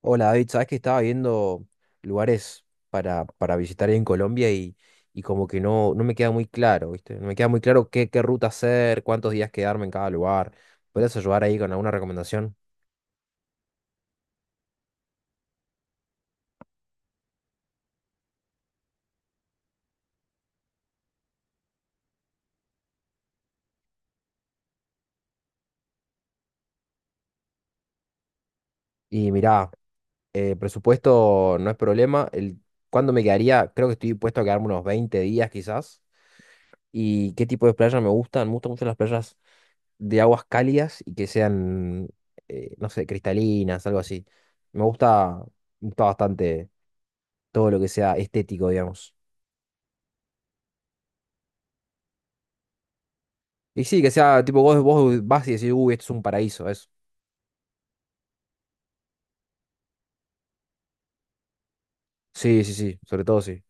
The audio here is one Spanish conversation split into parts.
Hola David, sabes que estaba viendo lugares para visitar ahí en Colombia y como que no me queda muy claro, ¿viste? No me queda muy claro qué ruta hacer, cuántos días quedarme en cada lugar. ¿Puedes ayudar ahí con alguna recomendación? Y mirá, presupuesto no es problema. El, ¿cuándo me quedaría? Creo que estoy dispuesto a quedarme unos 20 días quizás. ¿Y qué tipo de playas me gustan? Me gustan mucho las playas de aguas cálidas y que sean, no sé, cristalinas, algo así. Me gusta, me gusta bastante todo lo que sea estético, digamos. Y sí, que sea tipo vos vas y decís, uy, esto es un paraíso, eso. Sí, sí, sí, sobre todo sí.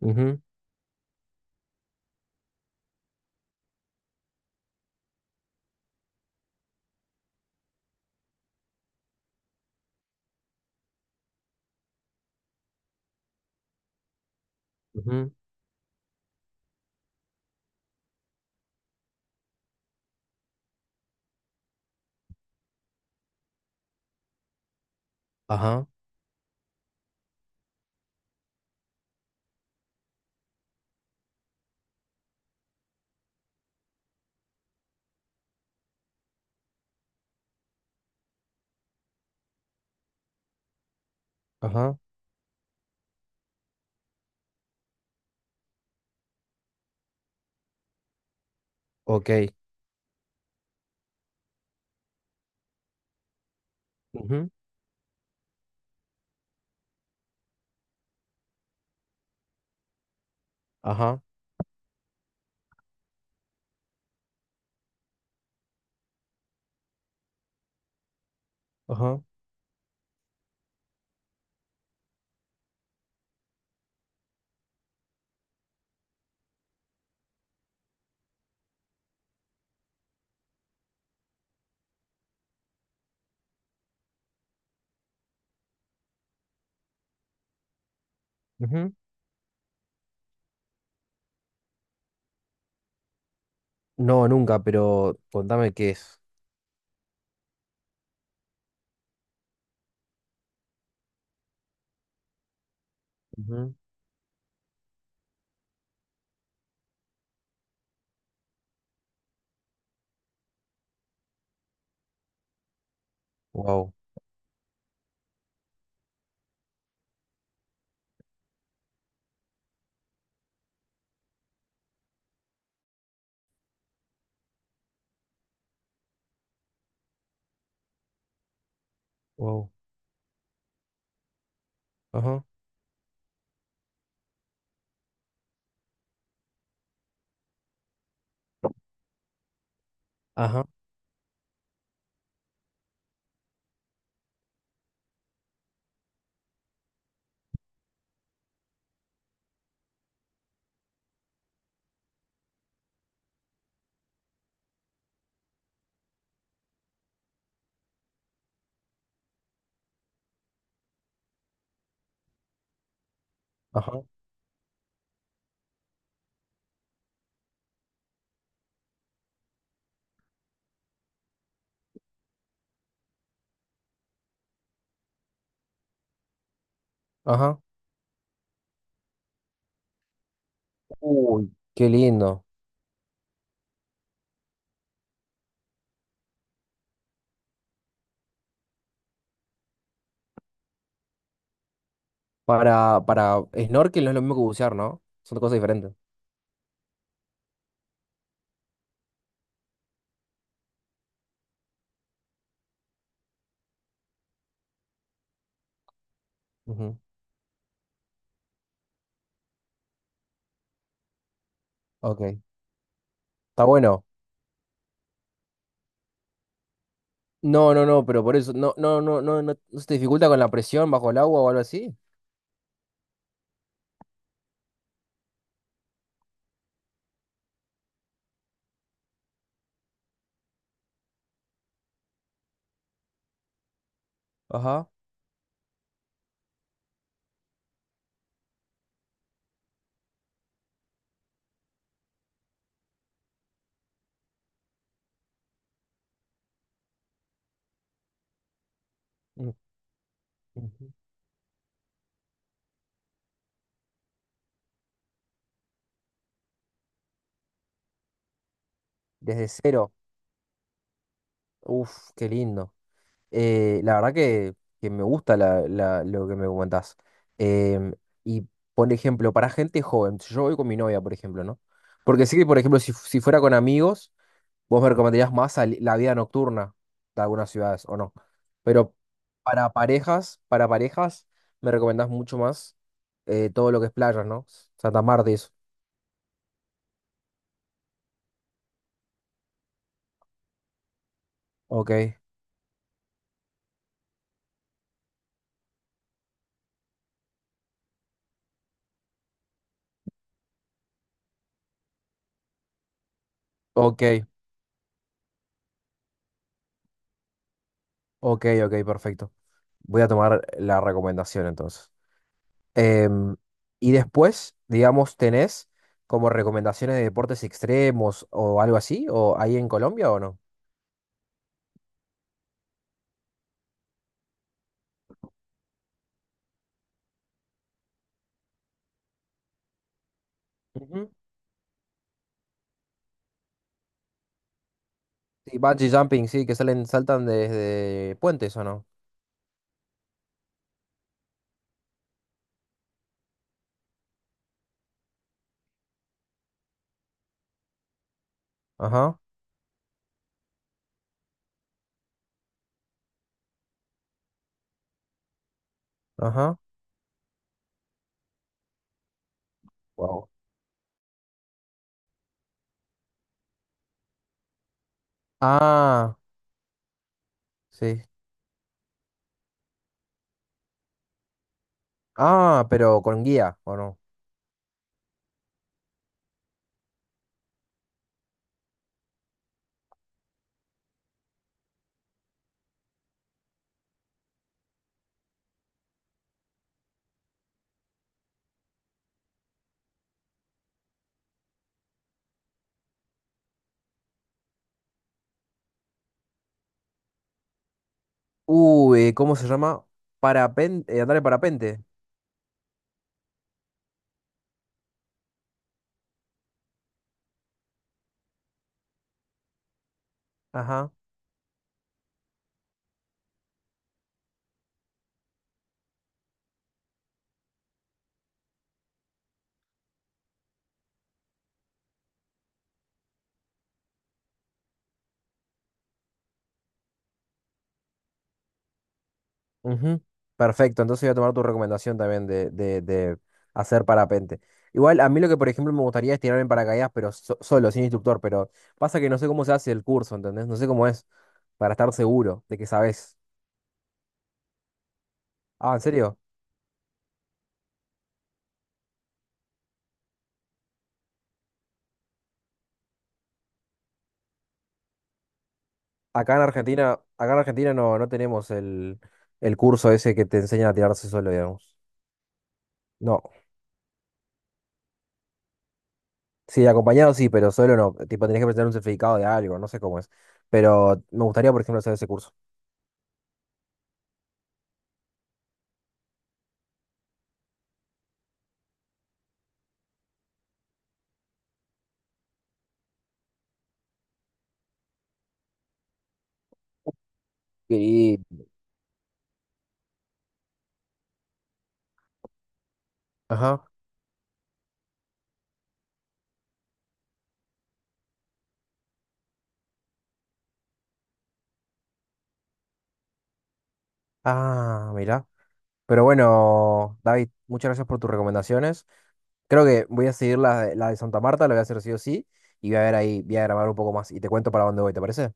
Ujú, ujú, ajá, ajá, ok. Ujú, ajá, ajá, ujú. No, nunca, pero contame qué es. Wow, wow, ajá, ajá, ajá, ajá. Uy, qué lindo. Para snorkel no es lo mismo que bucear, ¿no? Son dos cosas diferentes. Ujú, ok, está bueno. No, no, no, pero por eso, no, no, no, no, no, no se te dificulta con la presión bajo el agua o algo así. Ajá. Mm, ujú. Desde cero. Uf, qué lindo. La verdad que me gusta lo que me comentás. Em, y, por ejemplo, para gente joven, si yo voy con mi novia, por ejemplo, ¿no? Porque sé que, por ejemplo, si fuera con amigos. Vos me recomendarías más la vida nocturna de algunas ciudades, ¿o no? Pero para parejas, me recomendás mucho más todo lo que es playas, ¿no? Santa Marta y eso. Ok, ok, ok, ok, perfecto. Voy a tomar la recomendación entonces. Em, y después, digamos, ¿tenés como recomendaciones de deportes extremos o algo así? ¿O ahí en Colombia o no? Ujú. Sí, bungee jumping, sí, que salen, saltan desde puentes, ¿o no? Ajá, ajá. Wow. Ah, sí. Ah, pero con guía, ¿o no? Uy, ¿cómo se llama? Parapente, andar en parapente. Ajá. Ujú. Perfecto, entonces voy a tomar tu recomendación también de hacer parapente. Igual, a mí lo que, por ejemplo, me gustaría es tirar en paracaídas, pero solo, sin instructor, pero pasa que no sé cómo se hace el curso, ¿entendés? No sé cómo es, para estar seguro de que sabes. Ah, ¿en serio? Acá en Argentina no, no tenemos el curso ese que te enseña a tirarse solo, digamos. No. Sí, acompañado sí, pero solo no. Tipo, tenés que presentar un certificado de algo, no sé cómo es. Pero me gustaría, por ejemplo, hacer ese curso. Y ajá. Ah, mira, pero bueno, David, muchas gracias por tus recomendaciones. Creo que voy a seguir la de Santa Marta, la voy a hacer sí o sí. Y voy a ver ahí, voy a grabar un poco más. Y te cuento para dónde voy, ¿te parece?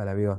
A la viva.